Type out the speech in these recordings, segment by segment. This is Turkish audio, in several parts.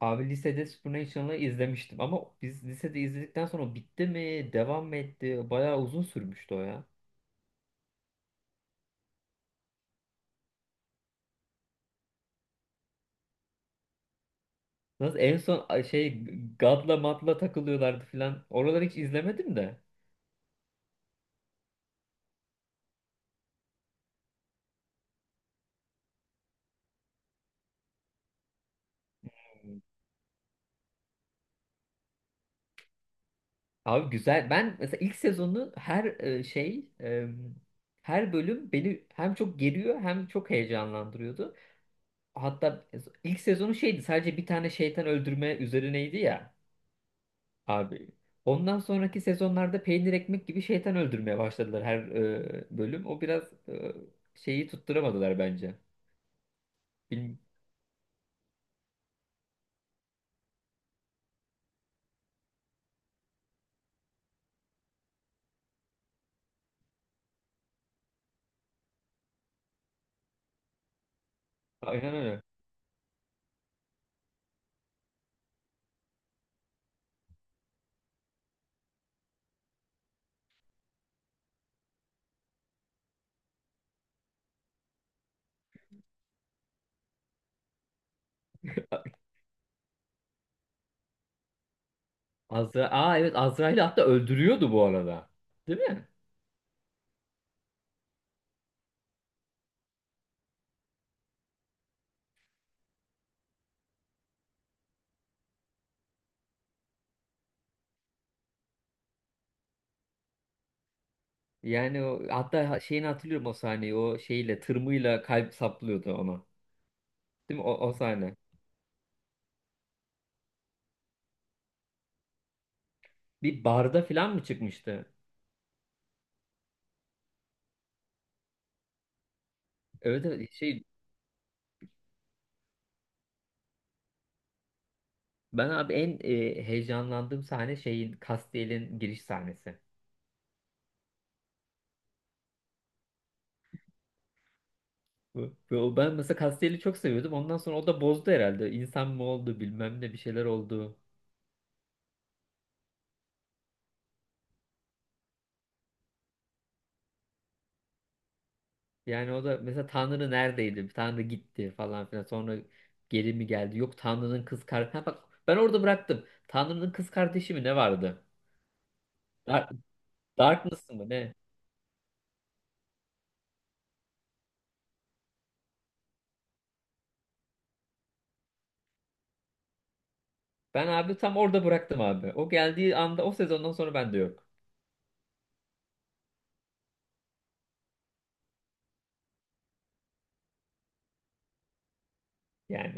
Abi lisede Supernatural'ı izlemiştim ama biz lisede izledikten sonra o bitti mi, devam mı etti? Bayağı uzun sürmüştü o ya. Nasıl en son God'la Mad'la takılıyorlardı filan. Oraları hiç izlemedim de. Abi güzel. Ben mesela ilk sezonu her e, şey e, her bölüm beni hem çok geriyor hem çok heyecanlandırıyordu. Hatta ilk sezonu şeydi, sadece bir tane şeytan öldürme üzerineydi ya. Abi ondan sonraki sezonlarda peynir ekmek gibi şeytan öldürmeye başladılar her bölüm. O biraz şeyi tutturamadılar bence. Bil- Aynen öyle. Aa, evet, Azrail'i hatta öldürüyordu bu arada. Değil mi? Yani o, hatta şeyini hatırlıyorum o sahneyi. O şeyle tırmıyla kalp saplıyordu ona. Değil mi? O, o sahne. Bir barda falan mı çıkmıştı? Evet, evet, şey ben abi en heyecanlandığım sahne şeyin Castiel'in giriş sahnesi. Ben mesela Castelli çok seviyordum. Ondan sonra o da bozdu herhalde. İnsan mı oldu, bilmem ne bir şeyler oldu. Yani o da mesela Tanrı neredeydi? Tanrı gitti falan filan. Sonra geri mi geldi? Yok, Tanrı'nın kız kardeşi. Bak, ben orada bıraktım. Tanrı'nın kız kardeşi mi ne vardı? Dark, Darkness mı ne? Ben abi tam orada bıraktım abi. O geldiği anda, o sezondan sonra ben de yok. Yani.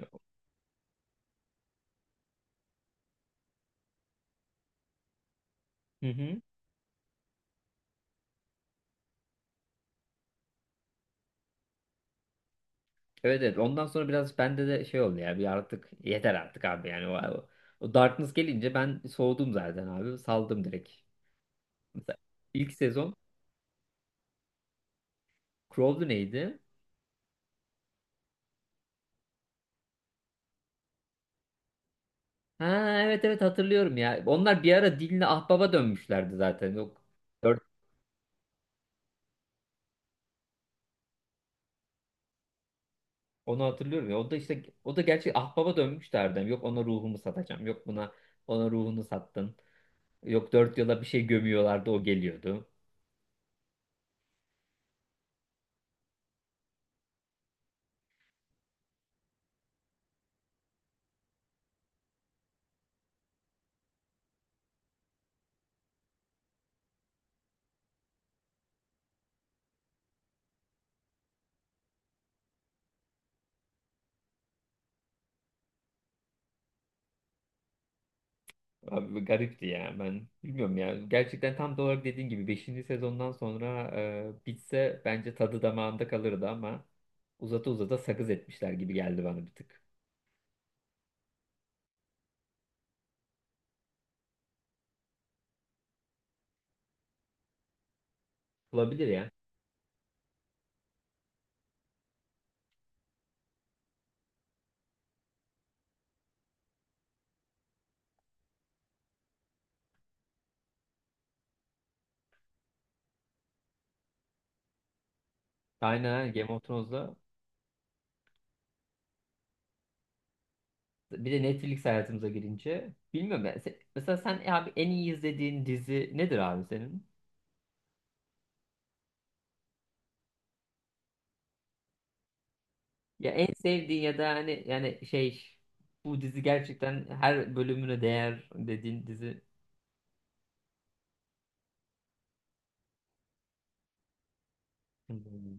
Hı hı. Evet, evet, ondan sonra biraz bende de şey oldu ya, bir artık yeter artık abi yani o, o Darkness gelince ben soğudum zaten abi, saldım direkt. Mesela ilk sezon Crow'du neydi? Ha, evet, evet, hatırlıyorum ya. Onlar bir ara Din'le Ahbap'a dönmüşlerdi zaten. Yok dört- onu hatırlıyorum ya. O da işte o da gerçi Ahbap'a dönmüşlerdi. Yok, ona ruhumu satacağım. Yok, buna, ona ruhunu sattın. Yok, dört yola bir şey gömüyorlardı, o geliyordu. Abi bu garipti ya, ben bilmiyorum ya gerçekten, tam da olarak dediğin gibi beşinci sezondan sonra bitse bence tadı damağında kalırdı ama uzata uzata sakız etmişler gibi geldi bana bir tık. Olabilir ya. Aynen, Game of Thrones'da bir de Netflix hayatımıza girince bilmiyorum ben. Mesela sen abi en iyi izlediğin dizi nedir abi senin? Ya en sevdiğin ya da hani yani şey, bu dizi gerçekten her bölümüne değer dediğin dizi. Hmm.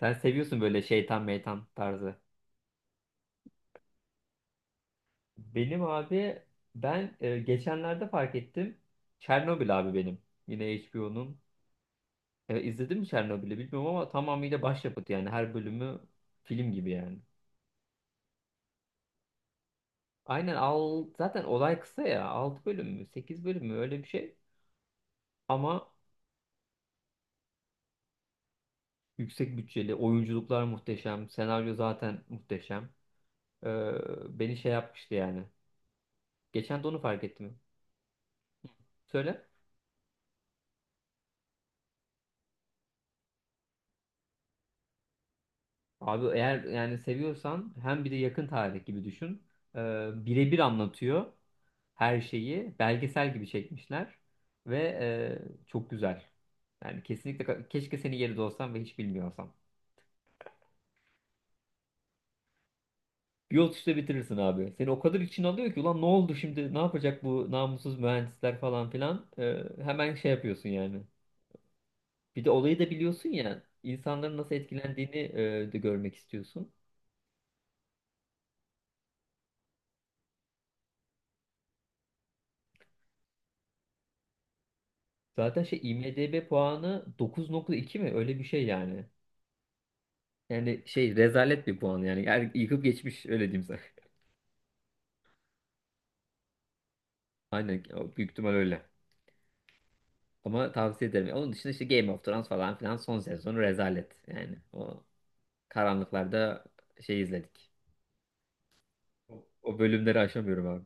Sen seviyorsun böyle şeytan meytan tarzı. Benim abi ben geçenlerde fark ettim. Çernobil abi benim. Yine HBO'nun. E, izledin mi Çernobil'i bilmiyorum ama tamamıyla başyapıt yani, her bölümü film gibi yani. Aynen, al zaten olay kısa ya. 6 bölüm mü, 8 bölüm mü, öyle bir şey. Ama yüksek bütçeli, oyunculuklar muhteşem, senaryo zaten muhteşem. E, beni şey yapmıştı yani. Geçen de onu fark ettim. Söyle. Abi, eğer yani seviyorsan, hem bir de yakın tarih gibi düşün. Ee, birebir anlatıyor her şeyi. Belgesel gibi çekmişler. Ve çok güzel. Yani kesinlikle keşke senin yerinde olsam ve hiç bilmiyorsam. Bir yol işte bitirirsin abi. Seni o kadar için alıyor ki ulan ne oldu şimdi, ne yapacak bu namussuz mühendisler falan filan. Hemen şey yapıyorsun yani. Bir de olayı da biliyorsun ya, insanların nasıl etkilendiğini de görmek istiyorsun. Zaten şey IMDb puanı 9,2 mi? Öyle bir şey yani. Yani şey rezalet bir puan yani. Yani yıkıp geçmiş, öyle diyeyim sana. Aynen, o büyük ihtimal öyle. Ama tavsiye ederim. Onun dışında işte Game of Thrones falan filan, son sezonu rezalet. Yani o karanlıklarda şey izledik. O, o bölümleri aşamıyorum abi.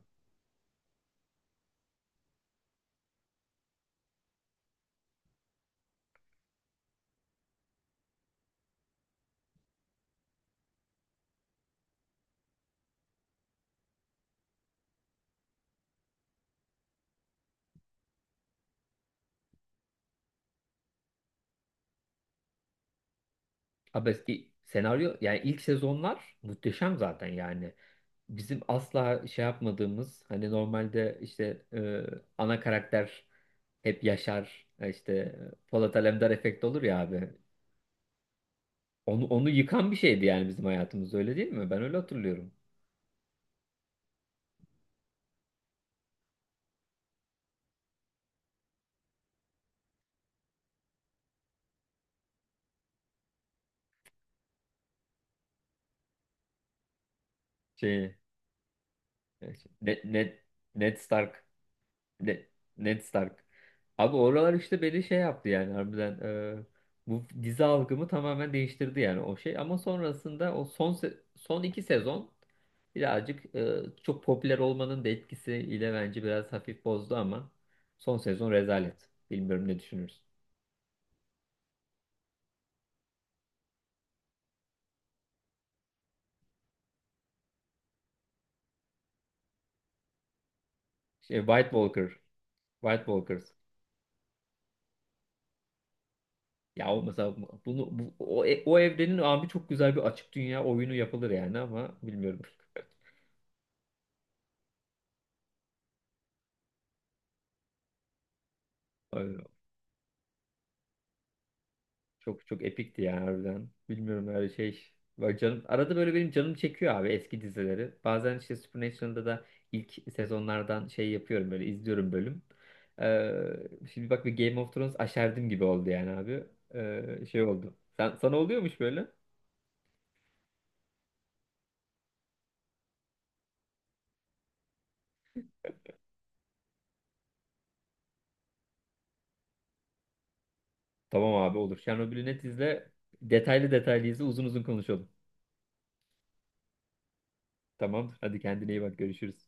Abi eski senaryo, yani ilk sezonlar muhteşem zaten yani. Bizim asla şey yapmadığımız, hani normalde işte ana karakter hep Yaşar işte Polat Alemdar efekt olur ya abi. Onu yıkan bir şeydi yani, bizim hayatımız öyle değil mi? Ben öyle hatırlıyorum. Şey e, şey, Ned, Ned, Ned Stark Ne, Ned Stark. Abi oralar işte beni şey yaptı yani, harbiden e, bu dizi algımı tamamen değiştirdi yani o şey, ama sonrasında o son 2 sezon birazcık çok popüler olmanın da etkisiyle bence biraz hafif bozdu ama son sezon rezalet. Bilmiyorum ne düşünürsün. Şey, White Walker, White Walkers. Ya o mesela bunu bu, o, e, o evrenin abi çok güzel bir açık dünya oyunu yapılır yani ama bilmiyorum. Çok çok epikti ya harbiden. Bilmiyorum öyle şey. Bak canım, arada böyle benim canım çekiyor abi eski dizileri. Bazen işte Supernatural'da da ilk sezonlardan şey yapıyorum böyle, izliyorum bölüm. Ee, şimdi bak, bir Game of Thrones aşerdim gibi oldu yani abi. Şey oldu. Sana oluyormuş böyle. Tamam abi, olur. Chernobyl'ü net izle. Detaylı detaylı izle, uzun uzun konuşalım. Tamam. Hadi kendine iyi bak, görüşürüz.